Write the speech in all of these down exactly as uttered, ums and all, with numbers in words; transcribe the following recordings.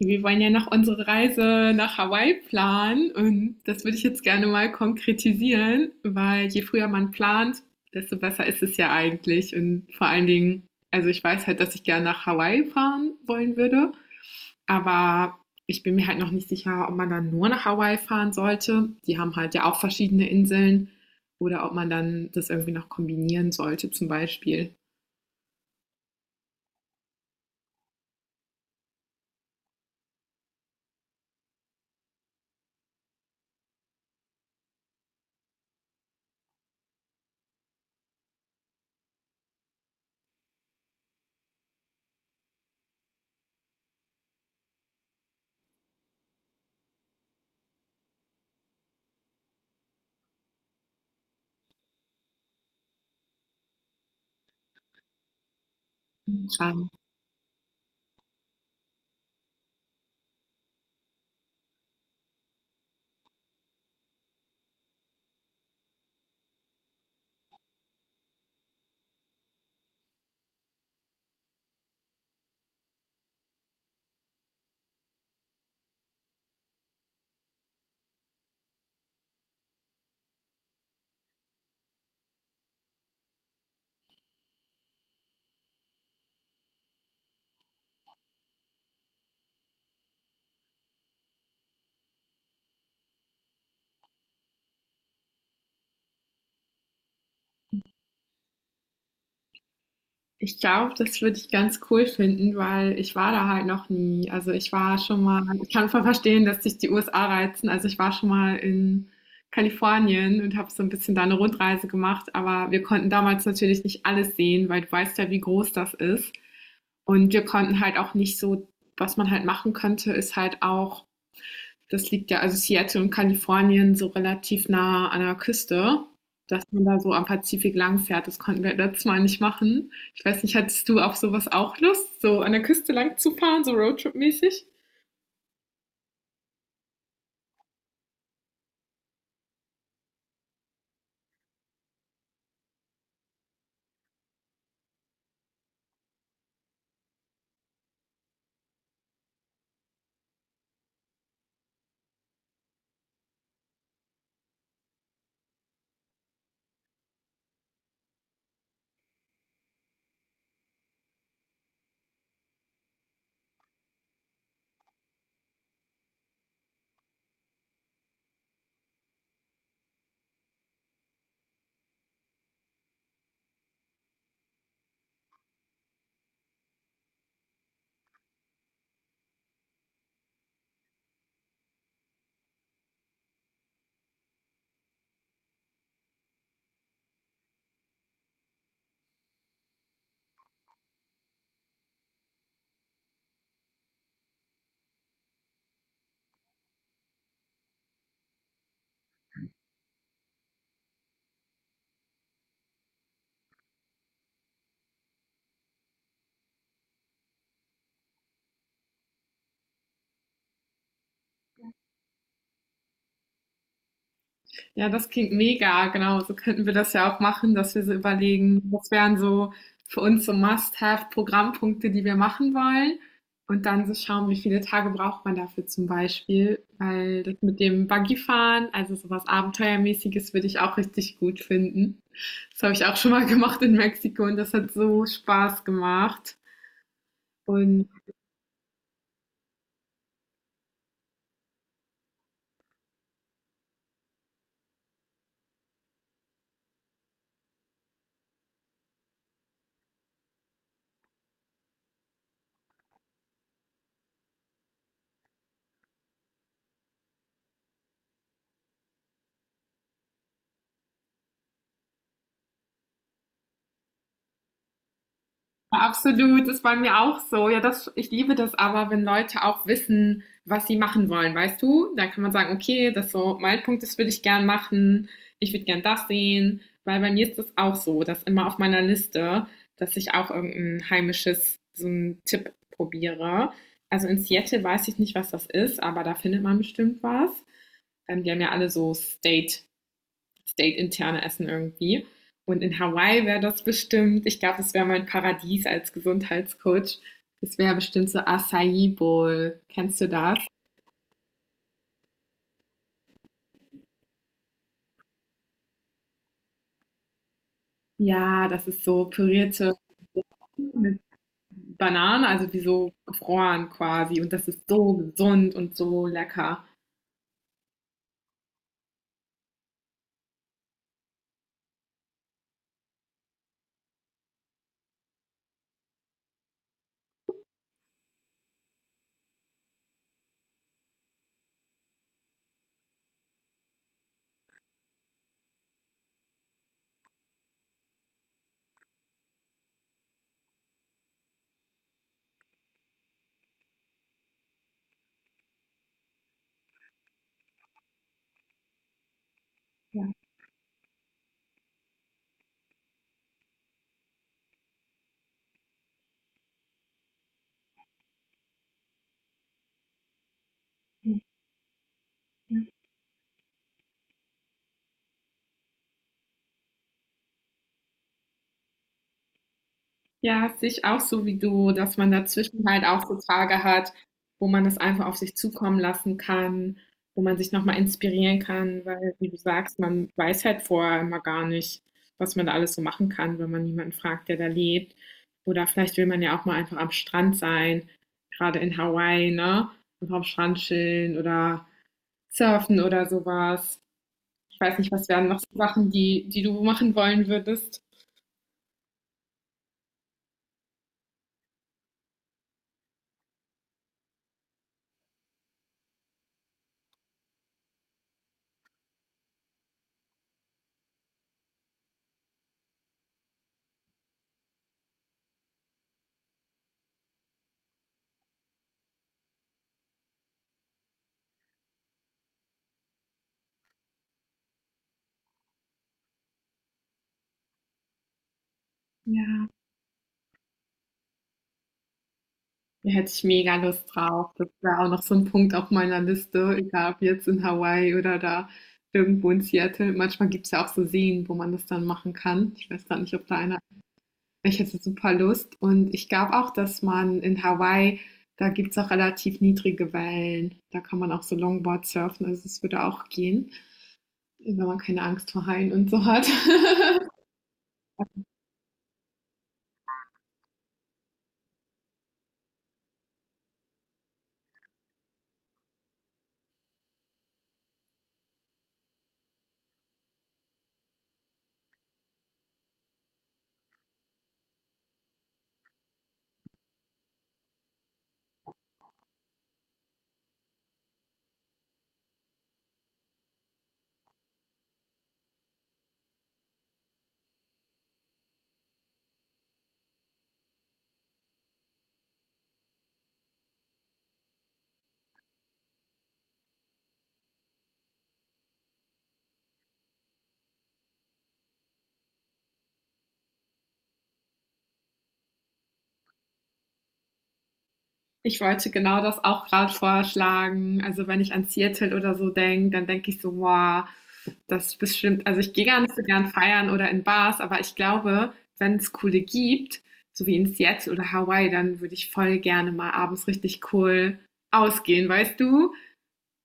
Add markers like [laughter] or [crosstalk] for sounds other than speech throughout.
Wir wollen ja noch unsere Reise nach Hawaii planen und das würde ich jetzt gerne mal konkretisieren, weil je früher man plant, desto besser ist es ja eigentlich. Und vor allen Dingen, also ich weiß halt, dass ich gerne nach Hawaii fahren wollen würde, aber ich bin mir halt noch nicht sicher, ob man dann nur nach Hawaii fahren sollte. Die haben halt ja auch verschiedene Inseln oder ob man dann das irgendwie noch kombinieren sollte, zum Beispiel. Ähm, Ich glaube, das würde ich ganz cool finden, weil ich war da halt noch nie. Also ich war schon mal, ich kann voll verstehen, dass sich die U S A reizen. Also ich war schon mal in Kalifornien und habe so ein bisschen da eine Rundreise gemacht, aber wir konnten damals natürlich nicht alles sehen, weil du weißt ja, wie groß das ist. Und wir konnten halt auch nicht so, was man halt machen könnte, ist halt auch das liegt ja, also Seattle und Kalifornien so relativ nah an der Küste, dass man da so am Pazifik lang fährt. Das konnten wir letztes Mal nicht machen. Ich weiß nicht, hattest du auf sowas auch Lust, so an der Küste lang zu fahren, so Roadtrip-mäßig? Ja, das klingt mega, genau. So könnten wir das ja auch machen, dass wir so überlegen, was wären so für uns so Must-Have-Programmpunkte, die wir machen wollen. Und dann so schauen, wie viele Tage braucht man dafür zum Beispiel. Weil das mit dem Buggyfahren, also sowas Abenteuermäßiges, würde ich auch richtig gut finden. Das habe ich auch schon mal [laughs] gemacht in Mexiko und das hat so Spaß gemacht. Und absolut, ist bei mir auch so. Ja, das, ich liebe das aber, wenn Leute auch wissen, was sie machen wollen, weißt du? Da kann man sagen, okay, das so mein Punkt, das würde ich gern machen, ich würde gern das sehen, weil bei mir ist das auch so, dass immer auf meiner Liste, dass ich auch irgendein heimisches, so einen Tipp probiere. Also in Seattle weiß ich nicht, was das ist, aber da findet man bestimmt was. Ähm, die haben ja alle so State state-interne Essen irgendwie. Und in Hawaii wäre das bestimmt, ich glaube, das wäre mein Paradies als Gesundheitscoach. Das wäre bestimmt so Acai Bowl. Kennst du das? Ja, das ist so pürierte mit Bananen, also wie so gefroren quasi. Und das ist so gesund und so lecker. Ja. Ja, sehe ich auch so wie du, dass man dazwischen halt auch so Tage hat, wo man das einfach auf sich zukommen lassen kann, wo man sich noch mal inspirieren kann, weil, wie du sagst, man weiß halt vorher immer gar nicht, was man da alles so machen kann, wenn man niemanden fragt, der da lebt. Oder vielleicht will man ja auch mal einfach am Strand sein, gerade in Hawaii, ne? Einfach am Strand chillen oder surfen oder sowas. Ich weiß nicht, was wären noch so Sachen, die, die du machen wollen würdest? Ja. Da hätte ich mega Lust drauf. Das wäre auch noch so ein Punkt auf meiner Liste, egal ob jetzt in Hawaii oder da irgendwo in Seattle. Manchmal gibt es ja auch so Seen, wo man das dann machen kann. Ich weiß gar nicht, ob da einer ich hätte super Lust und ich glaube auch, dass man in Hawaii da gibt's auch relativ niedrige Wellen. Da kann man auch so Longboard surfen, also, es würde auch gehen, wenn man keine Angst vor Haien und so hat. [laughs] Ich wollte genau das auch gerade vorschlagen. Also, wenn ich an Seattle oder so denke, dann denke ich so: „Boah, das ist bestimmt“, also, ich gehe gar nicht so gern feiern oder in Bars, aber ich glaube, wenn es coole gibt, so wie in Seattle oder Hawaii, dann würde ich voll gerne mal abends richtig cool ausgehen, weißt du?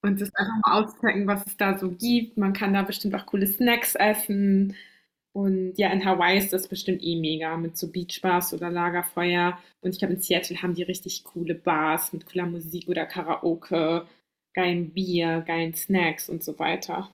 Und das einfach mal auschecken, was es da so gibt. Man kann da bestimmt auch coole Snacks essen und ja, in Hawaii ist das bestimmt eh mega mit so Beachbars oder Lagerfeuer. Und ich glaube, in Seattle haben die richtig coole Bars mit cooler Musik oder Karaoke, geilen Bier, geilen Snacks und so weiter.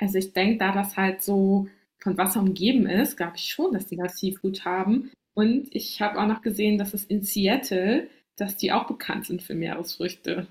Also ich denke, da das halt so von Wasser umgeben ist, glaube ich schon, dass die da Seafood haben. Und ich habe auch noch gesehen, dass es in Seattle, dass die auch bekannt sind für Meeresfrüchte.